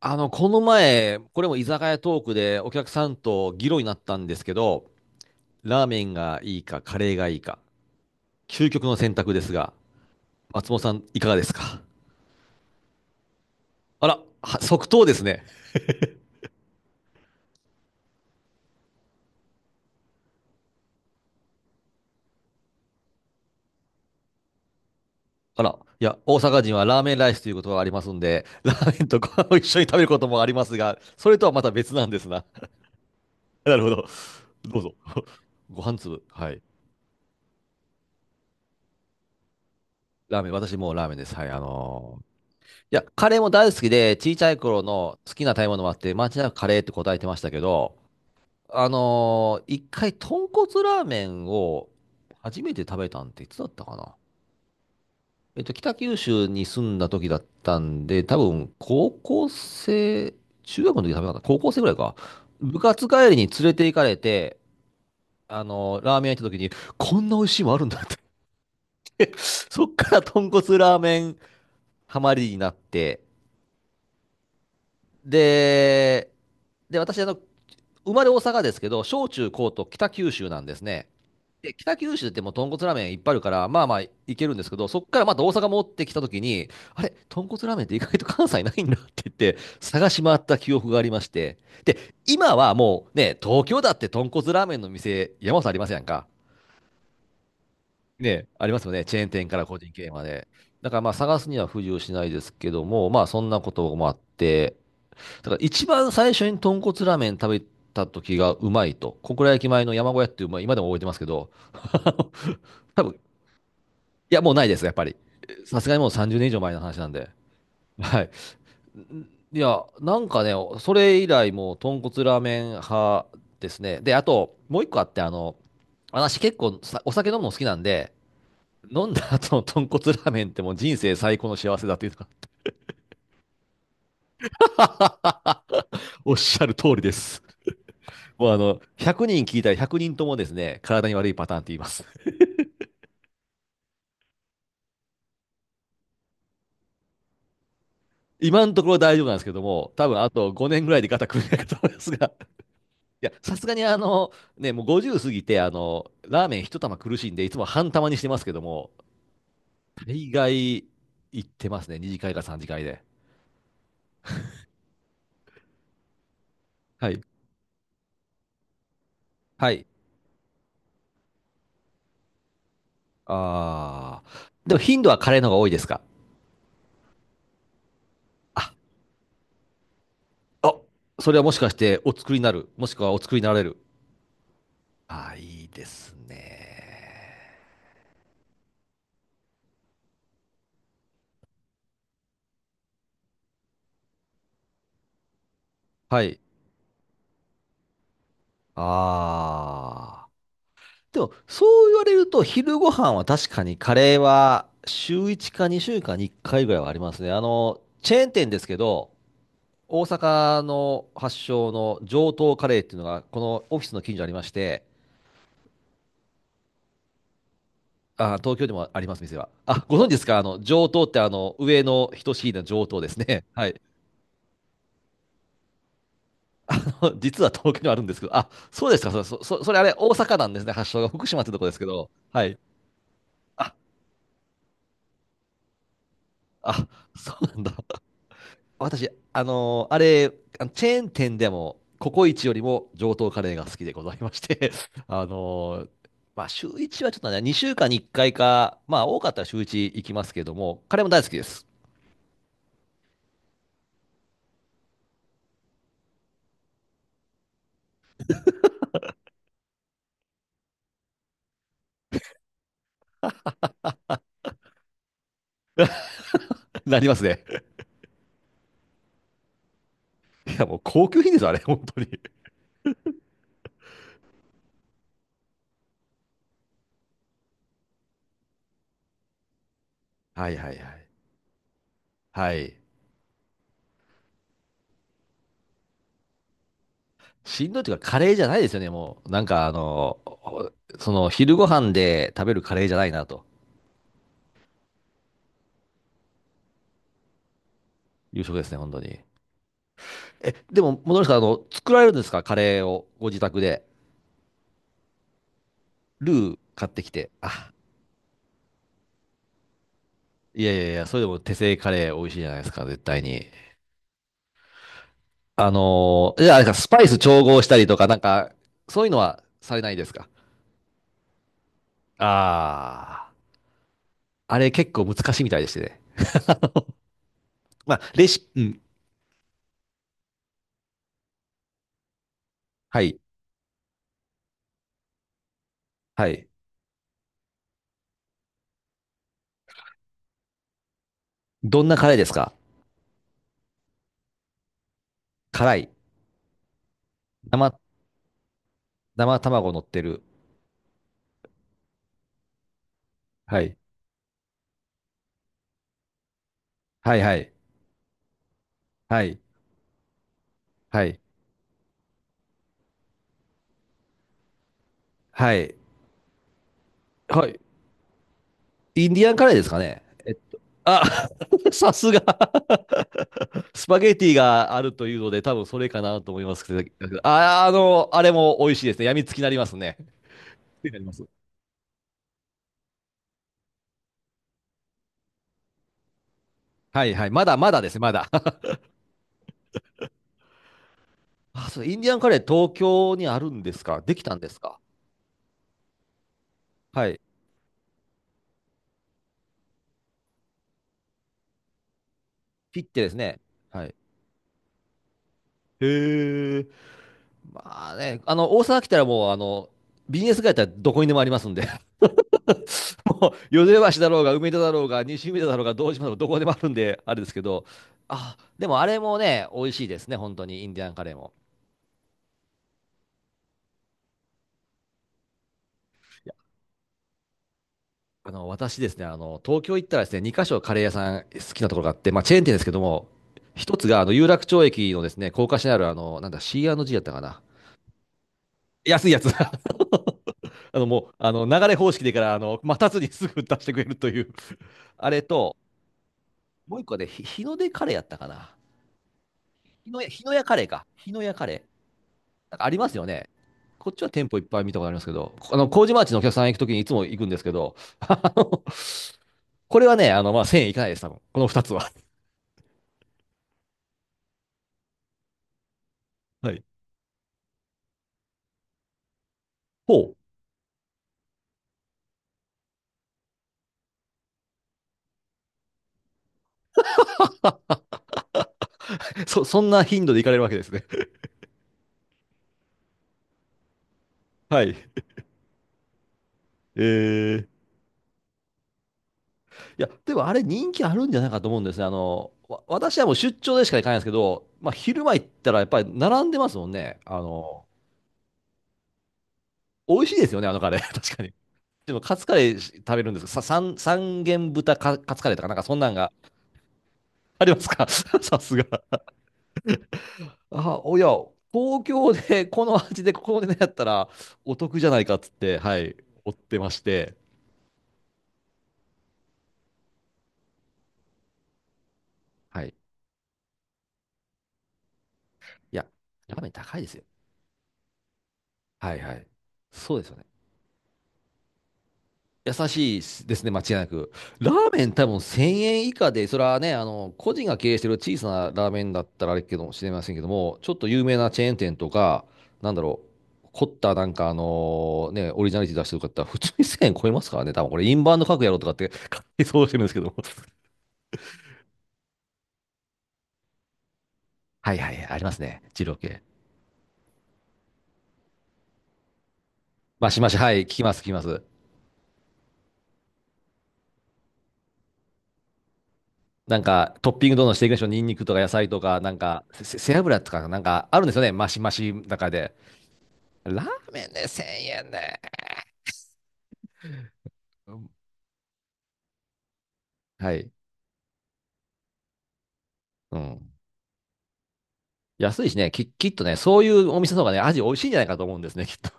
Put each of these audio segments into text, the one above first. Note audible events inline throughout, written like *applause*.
この前、これも居酒屋トークでお客さんと議論になったんですけど、ラーメンがいいか、カレーがいいか、究極の選択ですが、松本さん、いかがですか？あら、は即答ですね。あら、いや、大阪人はラーメンライスということがありますんで、ラーメンとご飯を一緒に食べることもありますが、それとはまた別なんですな。*laughs* なるほど。どうぞ。*laughs* ご飯粒。はい。ラーメン、私もうラーメンです。はい、いや、カレーも大好きで、小さい頃の好きな食べ物もあって、間違いなくカレーって答えてましたけど、一回、豚骨ラーメンを初めて食べたんっていつだったかな。北九州に住んだ時だったんで、多分、高校生、中学の時食べなかった。高校生ぐらいか。部活帰りに連れて行かれて、ラーメン屋行った時に、こんな美味しいもんあるんだって言って *laughs* そっから豚骨ラーメンハマりになって、で、で、私、生まれ大阪ですけど、小中高と北九州なんですね。で、北九州ってもう豚骨ラーメンいっぱいあるから、まあまあいけるんですけど、そっからまた大阪戻ってきた時に、あれ、豚骨ラーメンって意外と関西ないんだって言って、探し回った記憶がありまして。で、今はもうね、東京だって豚骨ラーメンの店、山本さんありませんか？ね、ありますよね。チェーン店から個人経営まで。だからまあ探すには不自由しないですけども、まあそんなこともあって、だから一番最初に豚骨ラーメン食べた時がうまいと、小倉駅前の山小屋っていう、まあ、今でも覚えてますけど、*laughs* あの多分、いや、もうないです、やっぱり。さすがにもう30年以上前の話なんで。はい。いや、なんかね、それ以来もう豚骨ラーメン派ですね。で、あと、もう一個あって、私結構さお酒飲むの好きなんで、飲んだ後の豚骨ラーメンってもう人生最高の幸せだっていうか *laughs* おっしゃる通りです。もう100人聞いたら100人ともですね、体に悪いパターンって言います。*laughs* 今のところ大丈夫なんですけども、多分あと5年ぐらいで肩組めないかと思いますが、*laughs* いや、さすがにね、もう50過ぎて、ラーメン一玉苦しいんで、いつも半玉にしてますけども、大概行ってますね、2次会か3次会で。はい。はい。あー。でも頻度はカレーの方が多いですか？あ、あ、それはもしかしてお作りになる、もしくはお作りになられる。あー、いいですね。はい。ああ。でも、そう言われると、昼ご飯は確かにカレーは週1か2週間に1回ぐらいはありますね。チェーン店ですけど、大阪の発祥の上等カレーっていうのが、このオフィスの近所にありまして、あ、東京でもあります、店は。あ、ご存知ですか？あの、上等ってあの、上の等しいの上等ですね。*laughs* はい。あの実は東京にはあるんですけど、あ、そうですか。それ、そそれあれ、大阪なんですね。発祥が福島ってとこですけど。はい。あ、あ、そうなんだ。私、あれ、あのチェーン店でも、ココイチよりも上等カレーが好きでございまして、*laughs* あのーまあ、週1はちょっとね、2週間に1回かいか、まあ、多かったら週1行きますけども、カレーも大好きです。*laughs* なりますね。いや、もう高級品です、あれ、本当に。はいはいはい。はい。しんどいというか、カレーじゃないですよね、もう。なんか、その、昼ご飯で食べるカレーじゃないな、という食ですね、本当に。え、でも、戻りますか、作られるんですか、カレーを、ご自宅で。ルー買ってきて、あ、いやいやいや、それでも手製カレー美味しいじゃないですか、絶対に。じゃあ、あれか、スパイス調合したりとか、なんか、そういうのはされないですか？ああー、あれ結構難しいみたいでしてね。まあ、レシピ、うん、はい、はい。どんなカレーですか？辛い？生、生卵乗ってる。はい。はいはい。はい。はい。はい。はい。インディアンカレーですかね？えっと、あ、*laughs* さすが。スパゲティがあるというので、多分それかなと思いますけど、あ、あれも美味しいですね。やみつきになりますね。気になります。はいはい。まだまだです、まだ。*laughs* あ、そう、インディアンカレー東京にあるんですか？できたんですか？はい。ピッてですね。はい。へえ。まあね、大阪来たらもう、ビジネス街やったらどこにでもありますんで、*laughs* もう、淀川橋だろうが、梅田だろうが、西梅田だろうが、堂島だろうが、どこでもあるんで、あれですけど、あ、でもあれもね、美味しいですね、本当に、インディアンカレーも。私ですね、東京行ったらですね、2カ所カレー屋さん好きなところがあって、まあ、チェーン店ですけども、一つが、有楽町駅のですね、高架下にある、あの、なんだ、C&G やったかな。安いやつ。*laughs* もう、流れ方式でから、待たずにすぐ出してくれるという *laughs* あれと、もう一個で、日の出カレーやったかな。日のや、日の屋カレーか。日の屋カレー。なんかありますよね。こっちは店舗いっぱい見たことありますけど、あの、麹町のお客さん行くときにいつも行くんですけど、*laughs* あのこれはね、まあ、1000円いかないです、多分。この2つは。はい。ほう。*laughs* そんな頻度で行かれるわけですね。*laughs* はい。えー。いや、でもあれ人気あるんじゃないかと思うんですね。あの、私はもう出張でしか行かないんですけど、まあ昼間行ったらやっぱり並んでますもんね。美味しいですよね、あのカレー。*laughs* 確かに。でもカツカレー食べるんですさ、三元豚カツカレーとかなんかそんなんがありますか？ *laughs* さすが。あ、おや、東京で *laughs* この味でここでねやったらお得じゃないかっつって、はい、追ってまして。はい。いや、やっぱり高いですよ。はいはい。そうですよね。優しいですね、間違いなく。ラーメン多分1000円以下で、それはね、個人が経営してる小さなラーメンだったらあれかもしれませんけども、ちょっと有名なチェーン店とか、なんだろう、凝ったなんかあのね、オリジナリティ出してる方、普通に1000円超えますからね、多分これインバウンド格やろうとかって *laughs* 勝手に想像してるんですけども。はいはいはい、ありますね。二郎系。マシマシ、はい、聞きます、聞きます。なんか、トッピングどんどんしていきましょう。ニンニクとか野菜とか、なんか、背脂とか、なんか、あるんですよね。マシマシの中で。ラーメンで1000円で。はい。うん。安いしね、きっとね、そういうお店の方がね、味美味しいんじゃないかと思うんですね、*laughs* きっと。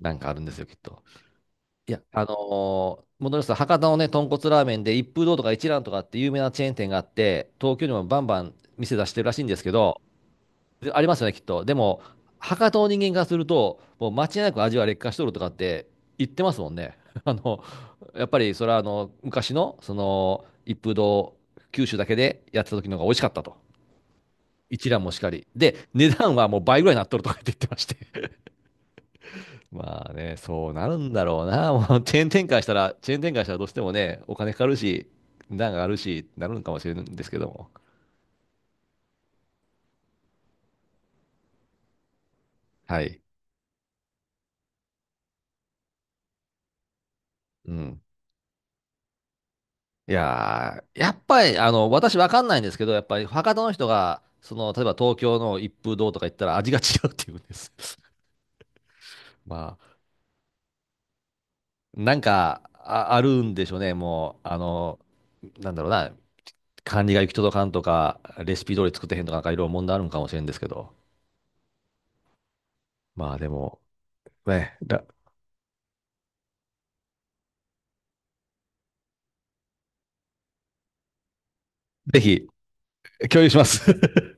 なんかあるんですよ、きっと。いや、戻りますと、博多のね、豚骨ラーメンで一風堂とか一蘭とかって有名なチェーン店があって、東京にもバンバン店出してるらしいんですけど、でありますよね、きっと。でも、博多の人間からすると、もう間違いなく味は劣化しとるとかって言ってますもんね。*laughs* あの、やっぱりそれはあの、昔の、その、一風堂、九州だけでやってた時の方が美味しかったと。一蘭もしかり。で、値段はもう倍ぐらいになっとるとかって言ってまして。*laughs* まあね、そうなるんだろうな。もうチェーン展開したら、チェーン展開したらどうしてもね、お金かかるし、値段があるし、なるのかもしれないんですけども。はい。うん。いやー、やっぱり、私わかんないんですけど、やっぱり博多の人が、その、例えば東京の一風堂とか行ったら味が違うって言うんです。*laughs* まあ、なんか、あ、あるんでしょうね、もう、なんだろうな、管理が行き届かんとか、レシピ通り作ってへんとか、なんかいろいろ問題あるんかもしれんですけど、まあでも、ね、ぜひ、共有します。*laughs*